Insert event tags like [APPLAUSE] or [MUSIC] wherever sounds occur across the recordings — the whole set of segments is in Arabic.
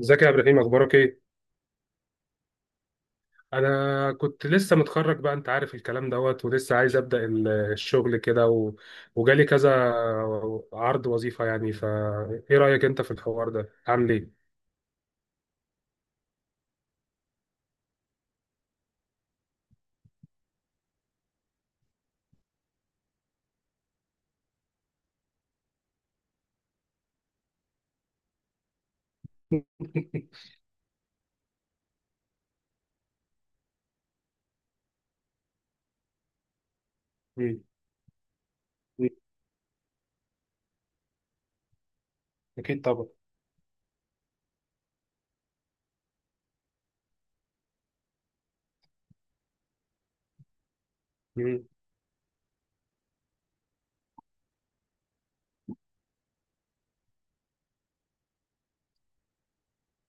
ازيك يا ابراهيم؟ اخبارك ايه؟ انا كنت لسه متخرج، بقى انت عارف الكلام دوت، ولسه عايز ابدا الشغل كده وجالي كذا عرض وظيفه يعني، فا ايه رايك انت في الحوار ده؟ عامل ايه؟ [LAUGHS] مم. مم. اكيد طبعا.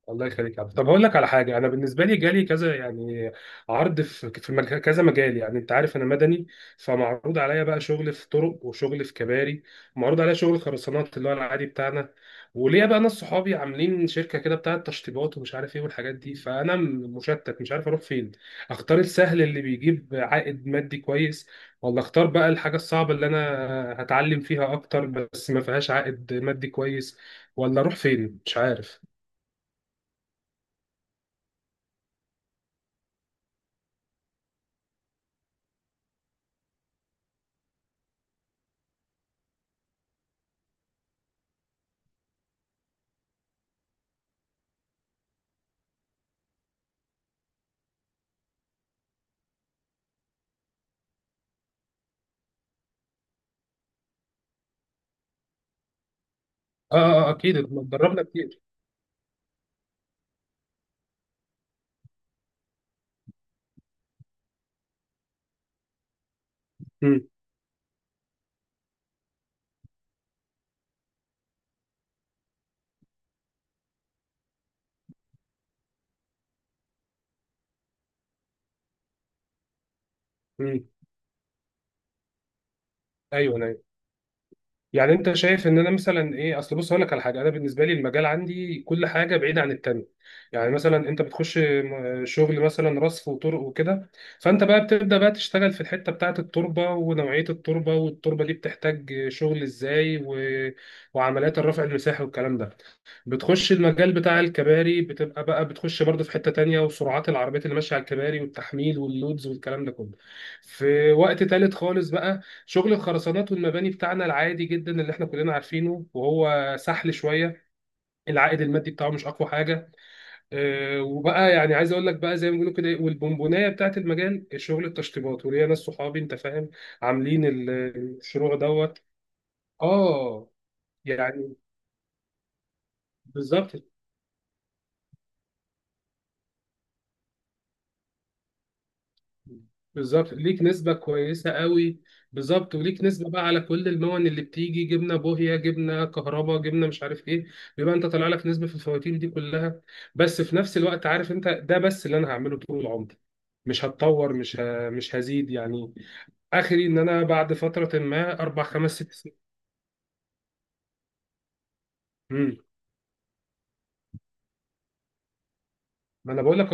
الله يخليك يا عبد. طب هقول لك على حاجه. انا بالنسبه لي جالي كذا يعني عرض في كذا مجال، يعني انت عارف انا مدني، فمعروض عليا بقى شغل في طرق وشغل في كباري، معروض عليا شغل خرسانات اللي هو العادي بتاعنا، وليا بقى ناس صحابي عاملين شركه كده بتاعت تشطيبات ومش عارف ايه والحاجات دي، فانا مشتت، مش عارف اروح فين. اختار السهل اللي بيجيب عائد مادي كويس، ولا اختار بقى الحاجه الصعبه اللي انا هتعلم فيها اكتر بس ما فيهاش عائد مادي كويس، ولا اروح فين مش عارف. اكيد. جربنا كتير. امم. امم. ايوه ايوه. يعني انت شايف ان انا مثلا ايه؟ اصل بص اقول لك على حاجه: انا بالنسبه لي المجال عندي كل حاجه بعيده عن التانيه. يعني مثلا انت بتخش شغل مثلا رصف وطرق وكده، فانت بقى بتبدا بقى تشتغل في الحته بتاعه التربه ونوعيه التربه والتربه دي بتحتاج شغل ازاي. وعمليات الرفع المساحي والكلام ده. بتخش المجال بتاع الكباري بتبقى بقى بتخش برضه في حتة تانية، وسرعات العربيات اللي ماشية على الكباري والتحميل واللودز والكلام ده كله. في وقت تالت خالص بقى شغل الخرسانات والمباني بتاعنا العادي جدا اللي احنا كلنا عارفينه وهو سحل شويه. العائد المادي بتاعه مش اقوى حاجه. اه، وبقى يعني عايز اقول لك بقى زي ما بيقولوا كده، والبونبونايه بتاعت المجال شغل التشطيبات وليا ناس صحابي انت فاهم، عاملين الشروع دوت. اه، يعني بالظبط. بالظبط، ليك نسبة كويسة قوي. بالظبط، وليك نسبة بقى على كل المون اللي بتيجي، جبنة بوهية، جبنة كهرباء، جبنة مش عارف ايه، بيبقى انت طالع لك نسبة في الفواتير دي كلها. بس في نفس الوقت عارف انت، ده بس اللي انا هعمله طول عمري، مش هتطور، مش هزيد يعني. اخري ان انا بعد فترة ما اربع خمس ست سنين. امم. ما انا بقول لك.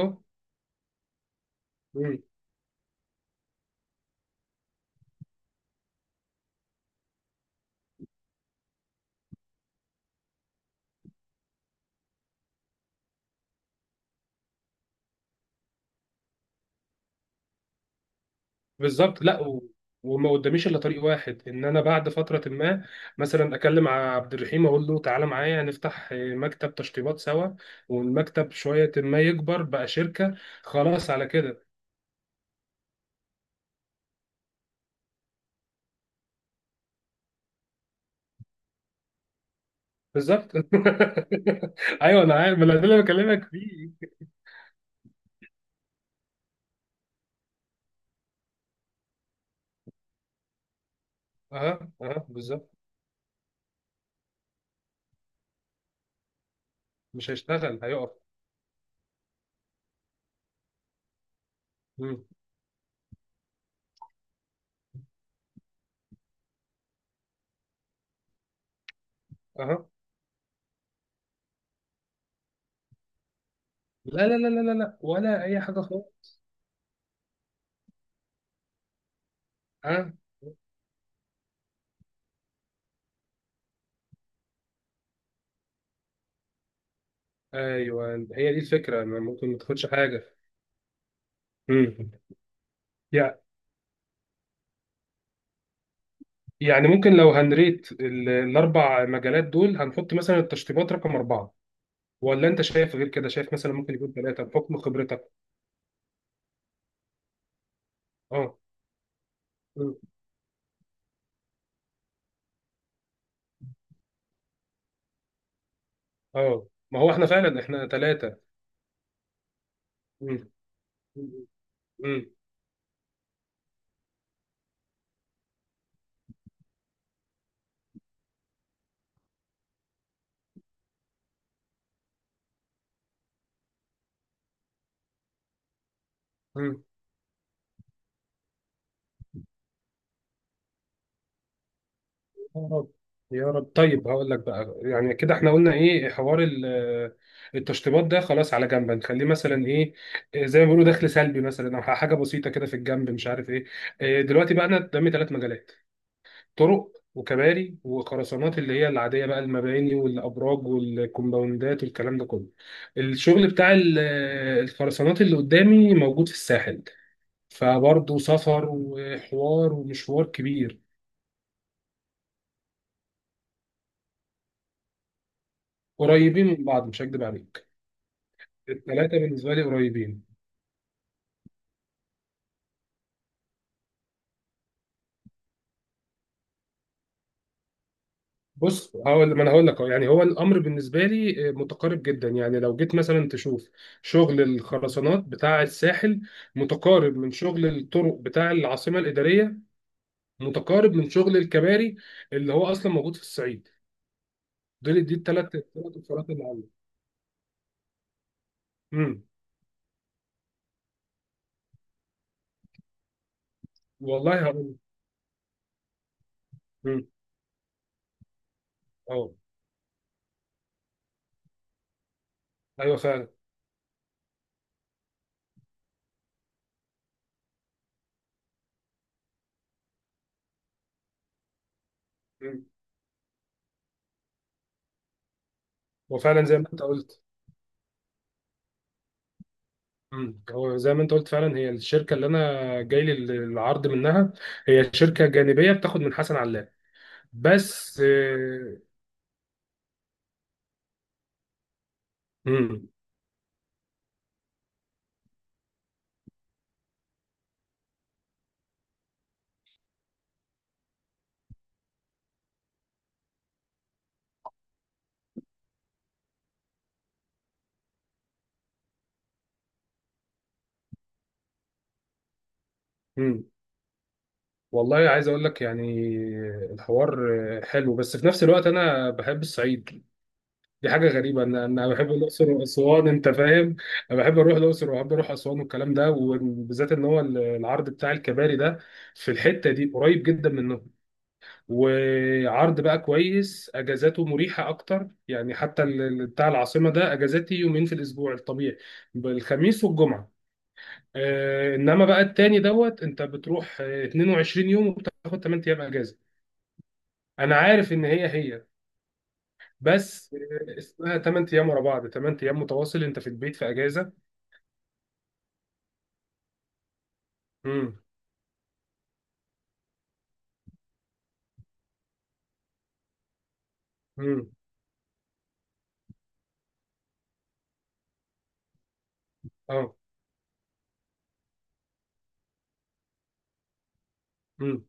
اهو. بالظبط. لا و... وما قداميش الا طريق واحد، ان انا بعد فتره ما مثلا اكلم عبد الرحيم اقول له تعالى معايا هنفتح مكتب تشطيبات سوا، والمكتب شويه ما يكبر بقى شركه. خلاص على كده. بالظبط. [LAUGHS] ايوه انا عارف، ما أنا ده اللي بكلمك فيه. اها اها بالظبط. مش هيشتغل، هيقف. مم. اها. لا لا لا لا لا لا، ولا اي حاجه خالص. اه. ايوه هي دي الفكره، ما ممكن ما تاخدش حاجه. مم. يعني ممكن لو هنريت الاربع مجالات دول هنحط مثلا التشطيبات رقم اربعه؟ ولا انت شايف غير كده؟ شايف مثلا ممكن يكون ثلاثه بحكم خبرتك؟ اه. مم. اه، ما هو احنا فعلا احنا ثلاثه. يا رب يا رب. طيب هقول لك بقى، يعني كده احنا قلنا ايه، حوار التشطيبات ده خلاص، على جنب نخليه مثلا ايه؟ إيه زي ما بيقولوا دخل سلبي مثلا او حاجه بسيطه كده في الجنب مش عارف ايه. دلوقتي بقى انا قدامي ثلاث مجالات: طرق وكباري وخرسانات اللي هي العادية بقى، المباني والأبراج والكومباوندات والكلام ده كله. الشغل بتاع الخرسانات اللي قدامي موجود في الساحل، فبرضه سفر وحوار ومشوار كبير. قريبين من بعض مش هكدب عليك. الثلاثة بالنسبة لي قريبين. بص هقول، ما انا هقول لك أهو. يعني هو الامر بالنسبه لي متقارب جدا. يعني لو جيت مثلا تشوف شغل الخرسانات بتاع الساحل متقارب من شغل الطرق بتاع العاصمه الاداريه، متقارب من شغل الكباري اللي هو اصلا موجود في الصعيد. دول دي الثلاث الفروقات اللي عندي. امم. والله هقول. امم. اه ايوه فعلا. امم. هو فعلا زي ما انت قلت. امم. هو زي ما انت قلت فعلا، هي الشركه اللي انا جاي لي العرض منها هي شركه جانبيه بتاخد من حسن علاء. بس. امم. امم. والله عايز اقول لك يعني الحوار حلو، بس في نفس الوقت انا بحب الصعيد. دي حاجة غريبة. أنا بحب الأقصر وأسوان، أنت فاهم؟ أنا بحب أروح الأقصر وبحب أروح أسوان والكلام ده، وبالذات إن هو العرض بتاع الكباري ده في الحتة دي قريب جدا منهم. وعرض بقى كويس، أجازاته مريحة أكتر، يعني حتى بتاع العاصمة ده أجازاتي يومين في الأسبوع الطبيعي بالخميس والجمعة. إنما بقى التاني دوت، أنت بتروح 22 يوم وبتاخد 8 أيام أجازة. أنا عارف إن هي هي، بس اسمها 8 ايام ورا بعض، 8 ايام متواصل انت في البيت في اجازه. امم. امم. اه. امم.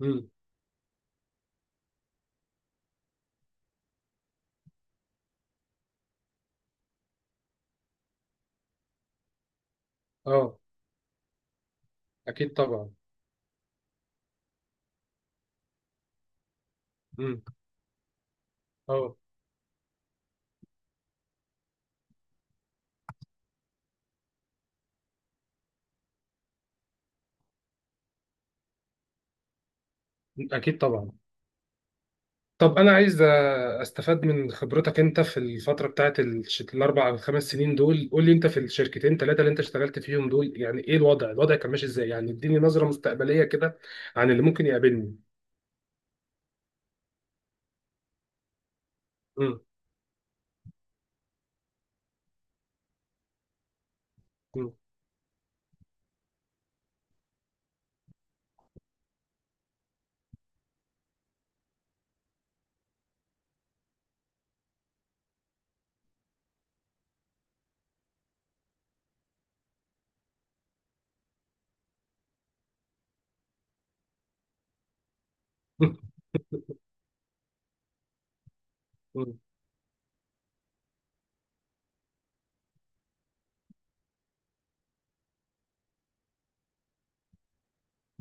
امم. اه اكيد طبعا. امم. اه اكيد طبعا. طب انا عايز استفاد من خبرتك انت في الفتره بتاعت الاربع او خمس سنين دول. قول لي انت في الشركتين ثلاثه اللي انت اشتغلت فيهم دول، يعني ايه الوضع؟ الوضع كان ماشي ازاي يعني؟ اديني نظره مستقبليه كده عن اللي ممكن يقابلني. امم. امم. [LAUGHS] امم.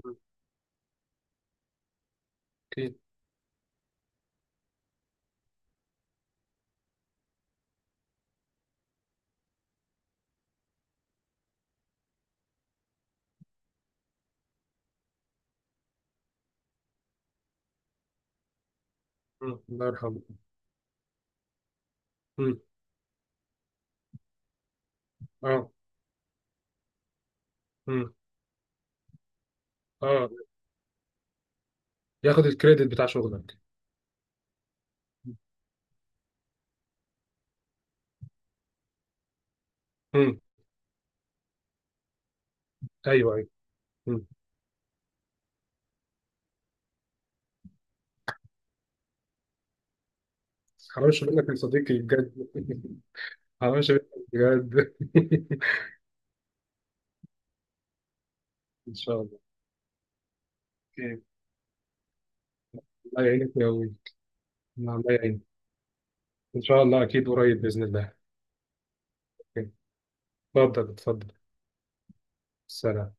أمم. أكيد. أمم. الله يرحمه. أمم. اه. امم. اه، ياخد الكريدت بتاع شغلك. امم. ايوه ايوه. امم. حرامش منك يا صديقي بجد. [LAUGHS] حرامش منك بجد. [LAUGHS] ان شاء الله. أوكي. الله يعينك يا ابوي. الله يعينك. ان شاء الله اكيد قريب باذن الله. أوكي. اتفضل اتفضل. سلام.